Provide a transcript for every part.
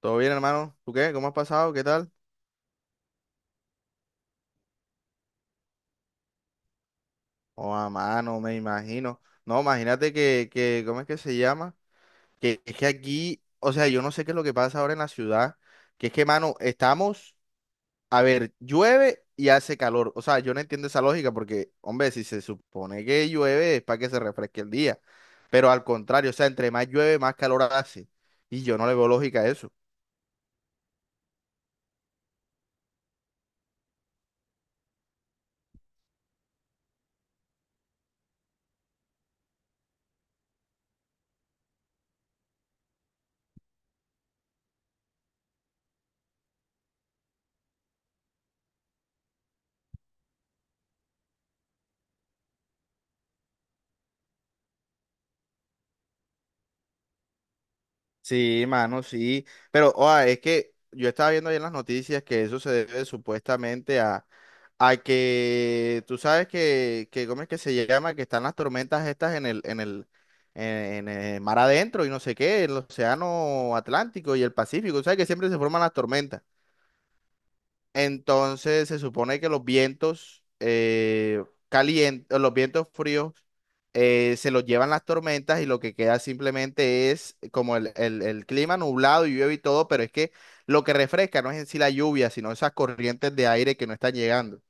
¿Todo bien, hermano? ¿Tú qué? ¿Cómo has pasado? ¿Qué tal? Oh, a mano, me imagino. No, imagínate que, ¿cómo es que se llama? Que es que aquí, o sea, yo no sé qué es lo que pasa ahora en la ciudad, que es que, mano, estamos, a ver, llueve y hace calor. O sea, yo no entiendo esa lógica porque, hombre, si se supone que llueve es para que se refresque el día, pero al contrario, o sea, entre más llueve, más calor hace. Y yo no le veo lógica a eso. Sí, mano, sí. Pero, oa, es que yo estaba viendo ahí en las noticias que eso se debe supuestamente a que tú sabes que, ¿cómo es que se llama? Que están las tormentas estas en el, en el mar adentro y no sé qué, el océano Atlántico y el Pacífico. Tú sabes que siempre se forman las tormentas. Entonces se supone que los vientos calientes, los vientos fríos se los llevan las tormentas y lo que queda simplemente es como el clima nublado y llueve y todo, pero es que lo que refresca no es en sí la lluvia, sino esas corrientes de aire que no están llegando.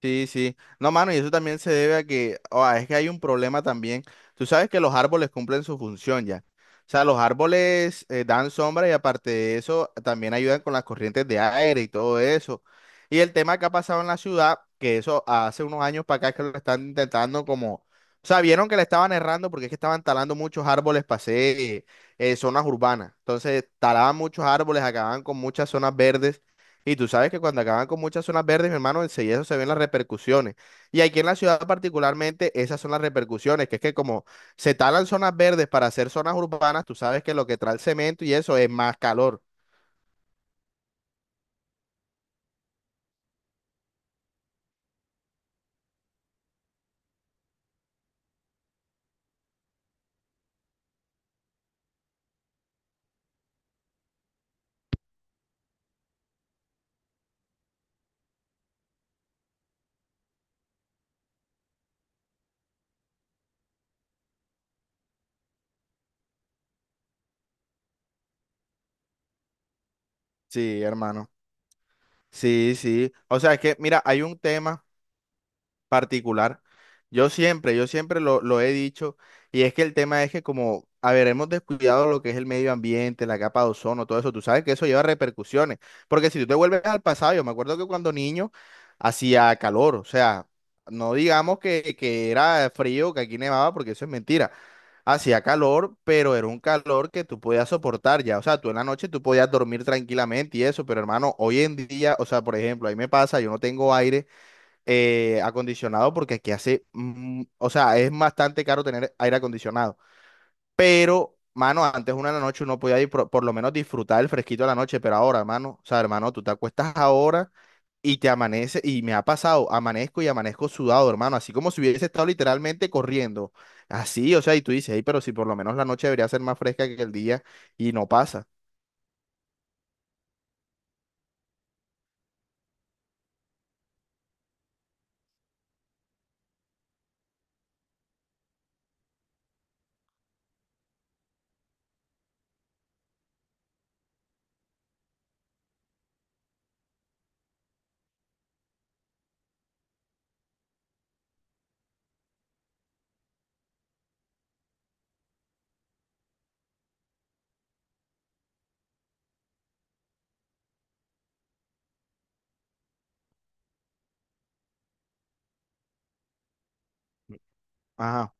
Sí, sí. No, mano, y eso también se debe a que, oh, es que hay un problema también. Tú sabes que los árboles cumplen su función ya. O sea, los árboles dan sombra y aparte de eso, también ayudan con las corrientes de aire y todo eso. Y el tema que ha pasado en la ciudad, que eso hace unos años para acá que lo están intentando como, o sea, vieron que le estaban errando porque es que estaban talando muchos árboles para hacer zonas urbanas. Entonces, talaban muchos árboles, acababan con muchas zonas verdes. Y tú sabes que cuando acaban con muchas zonas verdes, mi hermano, enseguida eso se ven las repercusiones. Y aquí en la ciudad particularmente, esas son las repercusiones, que es que como se talan zonas verdes para hacer zonas urbanas, tú sabes que lo que trae el cemento y eso es más calor. Sí, hermano. Sí, sí. O sea, es que, mira, hay un tema particular. Yo siempre lo he dicho, y es que el tema es que como, a ver, hemos descuidado lo que es el medio ambiente, la capa de ozono, todo eso, tú sabes que eso lleva repercusiones, porque si tú te vuelves al pasado, yo me acuerdo que cuando niño hacía calor, o sea, no digamos que era frío, que aquí nevaba, porque eso es mentira, hacía calor, pero era un calor que tú podías soportar ya, o sea, tú en la noche tú podías dormir tranquilamente y eso, pero hermano, hoy en día, o sea, por ejemplo, ahí me pasa, yo no tengo aire acondicionado porque aquí hace, o sea, es bastante caro tener aire acondicionado. Pero, mano, antes una de la noche uno podía ir por lo menos disfrutar el fresquito de la noche, pero ahora, mano, o sea, hermano, tú te acuestas ahora y te amanece, y me ha pasado, amanezco y amanezco sudado, hermano, así como si hubiese estado literalmente corriendo. Así, o sea, y tú dices, hey, pero si por lo menos la noche debería ser más fresca que el día y no pasa. Ajá.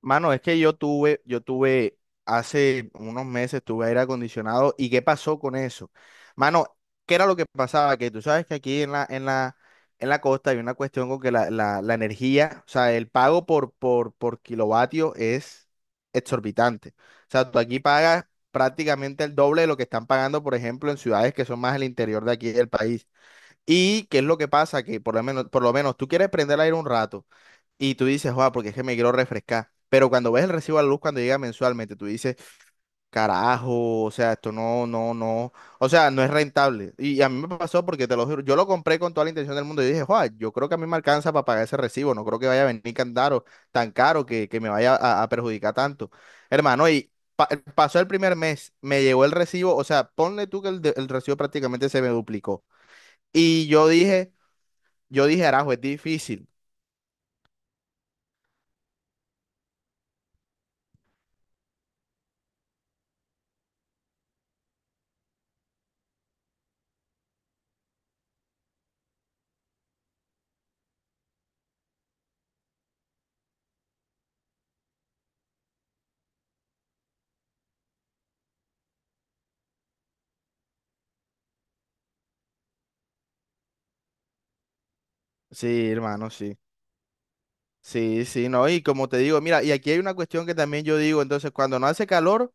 Mano, es que yo tuve hace unos meses tuve aire acondicionado y ¿qué pasó con eso? Mano, ¿qué era lo que pasaba? Que tú sabes que aquí en la, en la costa hay una cuestión con que la energía, o sea, el pago por kilovatio es exorbitante. O sea, tú aquí pagas prácticamente el doble de lo que están pagando, por ejemplo, en ciudades que son más el interior de aquí del país. Y qué es lo que pasa, que por lo menos tú quieres prender el aire un rato y tú dices, joa, porque es que me quiero refrescar. Pero cuando ves el recibo de la luz cuando llega mensualmente, tú dices, carajo, o sea, esto no, o sea, no es rentable. Y a mí me pasó porque te lo juro, yo lo compré con toda la intención del mundo y dije, joa, yo creo que a mí me alcanza para pagar ese recibo, no creo que vaya a venir tan caro que me vaya a perjudicar tanto. Hermano, y pa- pasó el primer mes, me llegó el recibo, o sea, ponle tú que el recibo prácticamente se me duplicó. Y yo dije... Yo dije, Arajo, es difícil. Sí, hermano, sí. Sí, sí, no. Y como te digo, mira, y aquí hay una cuestión que también yo digo, entonces, cuando no hace calor...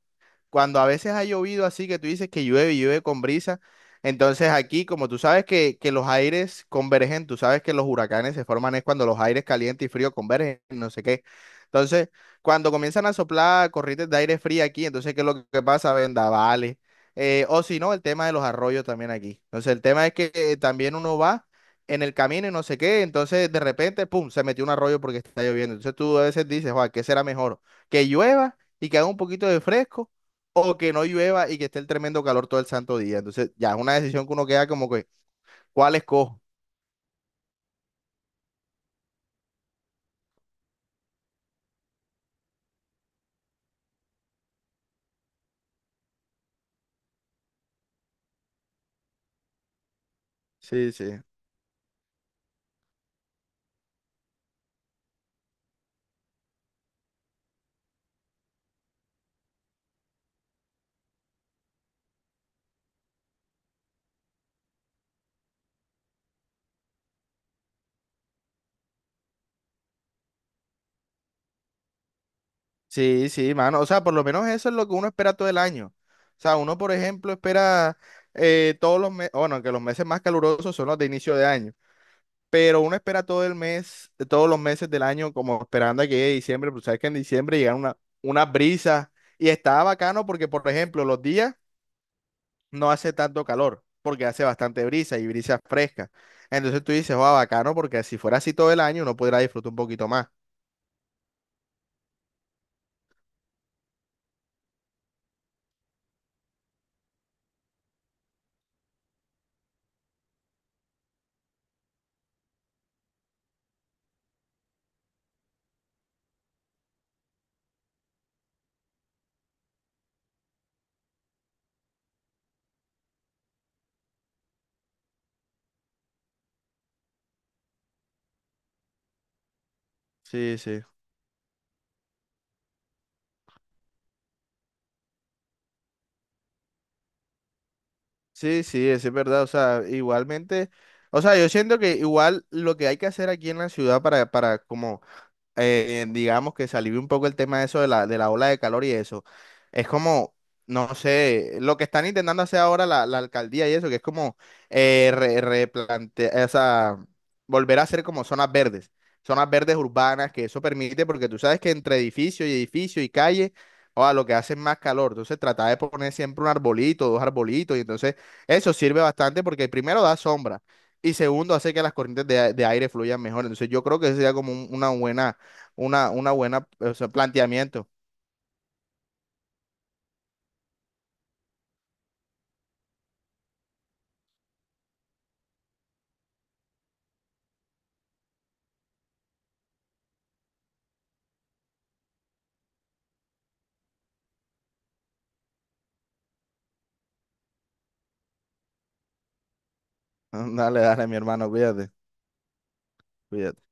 cuando a veces ha llovido así que tú dices que llueve y llueve con brisa, entonces aquí, como tú sabes que los aires convergen, tú sabes que los huracanes se forman es cuando los aires caliente y frío convergen, no sé qué. Entonces, cuando comienzan a soplar corrientes de aire frío aquí, entonces, ¿qué es lo que pasa? Vendavales. O si no, el tema de los arroyos también aquí. Entonces, el tema es que también uno va en el camino y no sé qué, entonces de repente, pum, se metió un arroyo porque está lloviendo. Entonces tú a veces dices, Juan, ¿qué será mejor? ¿Que llueva y que haga un poquito de fresco? ¿O que no llueva y que esté el tremendo calor todo el santo día? Entonces, ya es una decisión que uno queda como que, ¿cuál escojo? Sí, sí. Sí, sí, mano. O sea, por lo menos eso es lo que uno espera todo el año. O sea, uno, por ejemplo, espera todos los meses, bueno, que los meses más calurosos son los de inicio de año, pero uno espera todo el mes, todos los meses del año como esperando a que llegue diciembre, pero sabes que en diciembre llegan una, unas brisas y está bacano porque, por ejemplo, los días... no hace tanto calor, porque hace bastante brisa y brisa fresca. Entonces tú dices, va, bacano, porque si fuera así todo el año, uno podrá disfrutar un poquito más. Sí, sí. Sí, sí, eso es verdad. O sea, igualmente, o sea, yo siento que igual lo que hay que hacer aquí en la ciudad para como digamos que se alivie un poco el tema de eso de la ola de calor y eso. Es como, no sé, lo que están intentando hacer ahora la alcaldía y eso, que es como replantear, o sea, volver a hacer como zonas verdes urbanas, que eso permite, porque tú sabes que entre edificio y edificio y calle, o lo que hace es más calor. Entonces, trata de poner siempre un arbolito, dos arbolitos, y entonces eso sirve bastante porque primero da sombra. Y segundo, hace que las corrientes de, de aire fluyan mejor. Entonces, yo creo que eso sería como una buena, una buena, o sea, planteamiento. Dale, dale, mi hermano, cuídate, cuídate.